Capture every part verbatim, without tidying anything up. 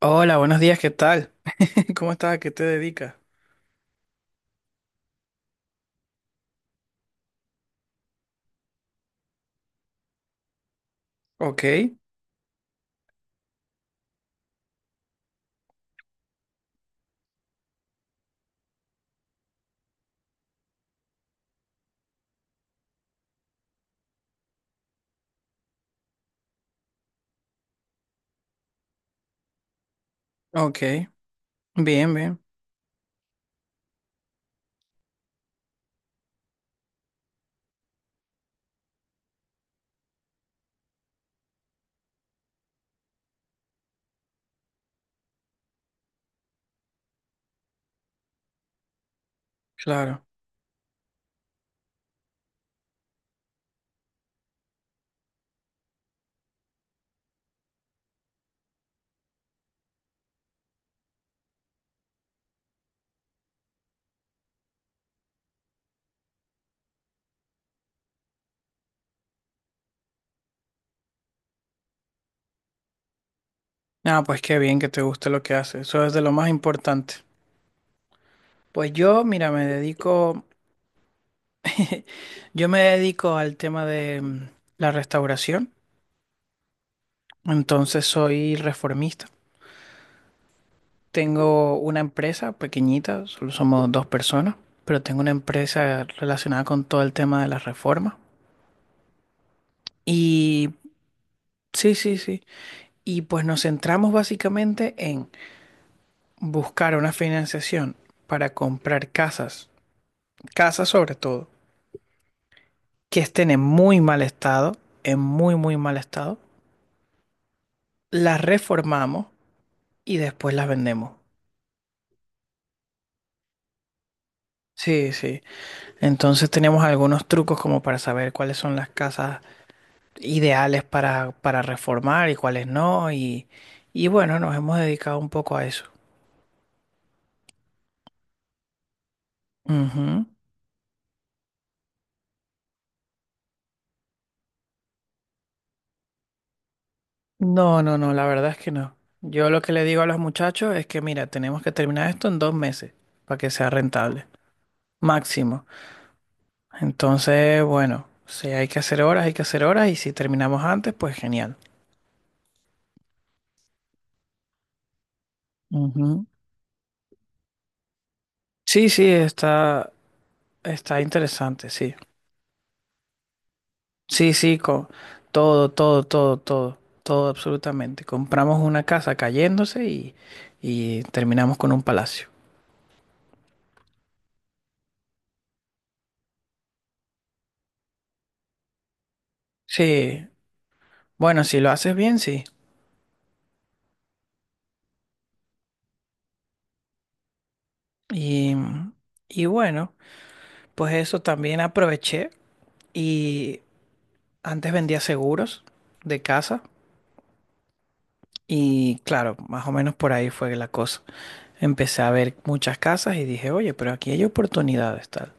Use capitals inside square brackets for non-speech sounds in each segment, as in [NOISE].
Hola, buenos días, ¿qué tal? [LAUGHS] ¿Cómo estás? ¿A qué te dedicas? Ok, ok, bien, bien, claro. Ah, pues qué bien que te guste lo que haces, eso es de lo más importante. Pues yo, mira, me dedico, yo me dedico al tema de mm, la restauración, entonces soy reformista. Tengo una empresa pequeñita, solo somos dos personas, pero tengo una empresa relacionada con todo el tema de las reformas. Y sí, sí, sí. Y pues nos centramos básicamente en buscar una financiación para comprar casas, casas sobre todo, que estén en muy mal estado, en muy, muy mal estado, las reformamos y después las vendemos. Sí, sí. Entonces tenemos algunos trucos como para saber cuáles son las casas ideales para, para reformar y cuáles no. Y, y bueno, nos hemos dedicado un poco a eso. Ujú. No, no, no, la verdad es que no. Yo lo que le digo a los muchachos es que, mira, tenemos que terminar esto en dos meses para que sea rentable. Máximo. Entonces, bueno, si hay que hacer horas, hay que hacer horas y si terminamos antes, pues genial. Ujú. Sí, sí, está, está, interesante, sí. Sí, sí, con todo, todo, todo, todo, todo absolutamente. Compramos una casa cayéndose y, y terminamos con un palacio. Sí, bueno, si lo haces bien, sí. Y, y bueno, pues eso también aproveché y antes vendía seguros de casa. Y claro, más o menos por ahí fue la cosa. Empecé a ver muchas casas y dije, oye, pero aquí hay oportunidades, tal.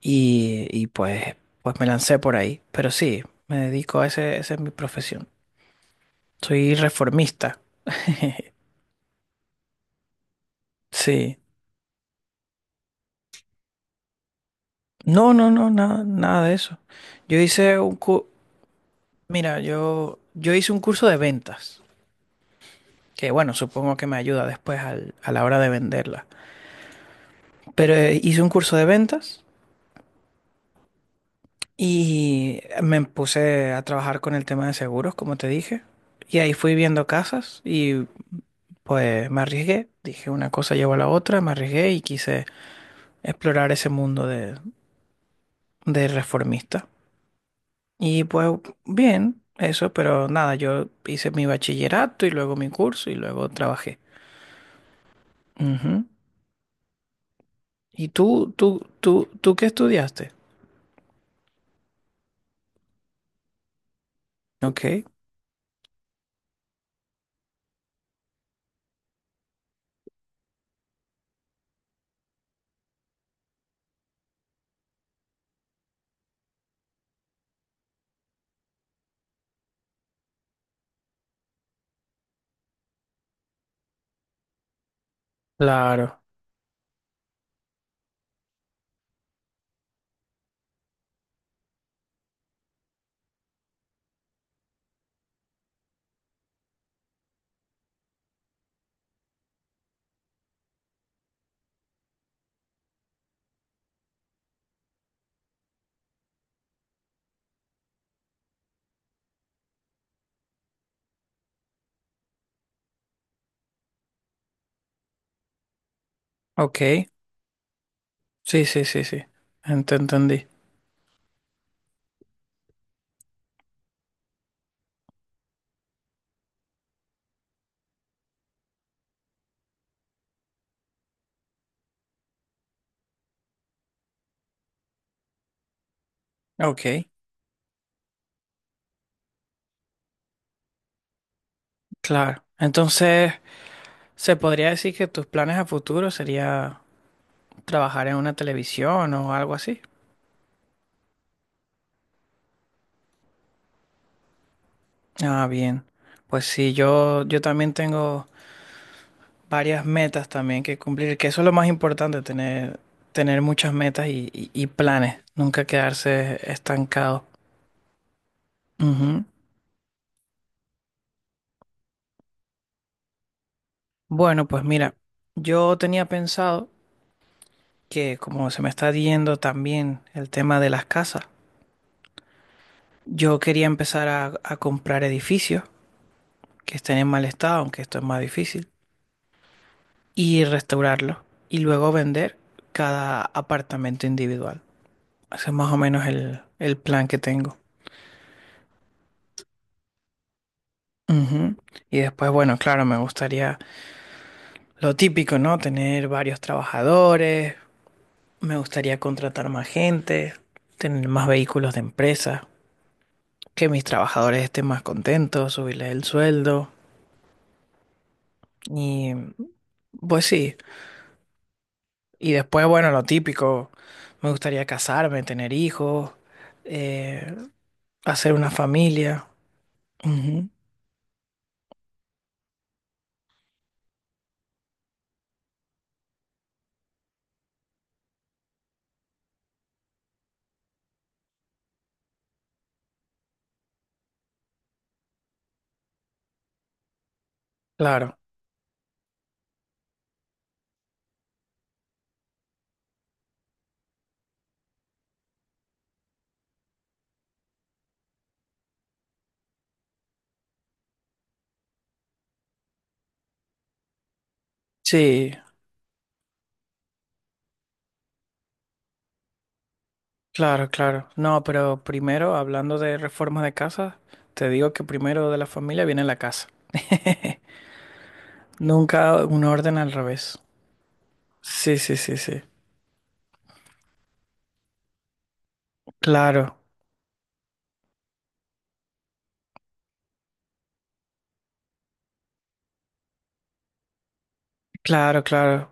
Y, y pues, pues me lancé por ahí. Pero sí, me dedico a ese, esa es mi profesión. Soy reformista. [LAUGHS] Sí. No, no, no, nada, nada de eso. Yo hice un cu- mira, yo, yo hice un curso de ventas, que bueno, supongo que me ayuda después al- a la hora de venderla. Pero eh, hice un curso de ventas. Y me puse a trabajar con el tema de seguros, como te dije. Y ahí fui viendo casas y pues me arriesgué. Dije una cosa llevó a la otra, me arriesgué y quise explorar ese mundo de, de reformista. Y pues bien, eso, pero nada, yo hice mi bachillerato y luego mi curso y luego trabajé. Ujú. ¿Y tú, tú, tú, tú qué estudiaste? Ok, claro. Ok, sí, sí, sí, sí. Ent- Entendí. Ok, claro. Entonces… ¿Se podría decir que tus planes a futuro sería trabajar en una televisión o algo así? Ah, bien. Pues sí, yo, yo también tengo varias metas también que cumplir, que eso es lo más importante, tener, tener muchas metas y, y- y planes, nunca quedarse estancado. Ujú. Bueno, pues mira, yo tenía pensado que como se me está yendo también el tema de las casas, yo quería empezar a, a comprar edificios que estén en mal estado, aunque esto es más difícil. Y restaurarlo y luego vender cada apartamento individual. Ese es más o menos el, el plan que tengo. Ujú. Y después, bueno, claro, me gustaría lo típico, ¿no? Tener varios trabajadores, me gustaría contratar más gente, tener más vehículos de empresa, que mis trabajadores estén más contentos, subirles el sueldo y pues sí. Y después, bueno, lo típico, me gustaría casarme, tener hijos, eh, hacer una familia. Ujú. Claro, sí, claro, claro. No, pero primero, hablando de reformas de casa, te digo que primero de la familia viene la casa. [LAUGHS] Nunca un orden al revés. Sí, sí, sí, sí. Claro, claro, claro.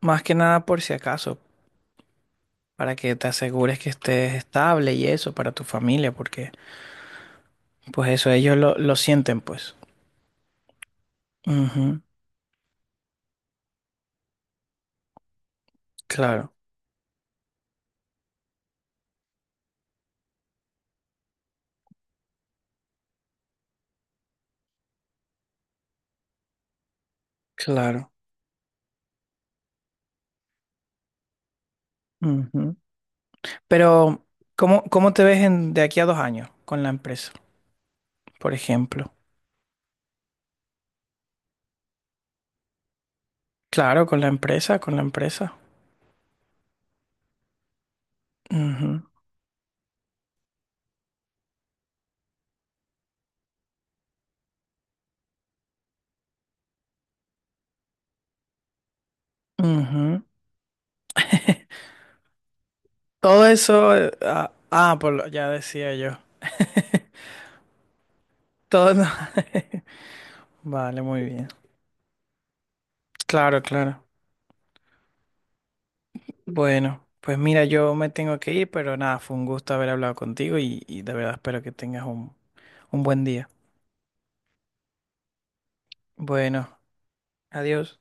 Más que nada por si acaso, para que te asegures que estés estable y eso para tu familia, porque pues eso ellos lo, lo sienten, pues. Ujú. Claro, claro. Ujú. Pero, ¿cómo, cómo te ves en- de aquí a dos años con la empresa? Por ejemplo. Claro, con la empresa, con la empresa. Ujú, ujú. Todo eso, eh, ah, ah, por lo… ya decía yo. Todo. [LAUGHS] Vale, muy bien. Claro, claro. Bueno, pues mira, yo me tengo que ir, pero nada, fue un gusto haber hablado contigo y, y de verdad espero que tengas un, un buen día. Bueno, adiós.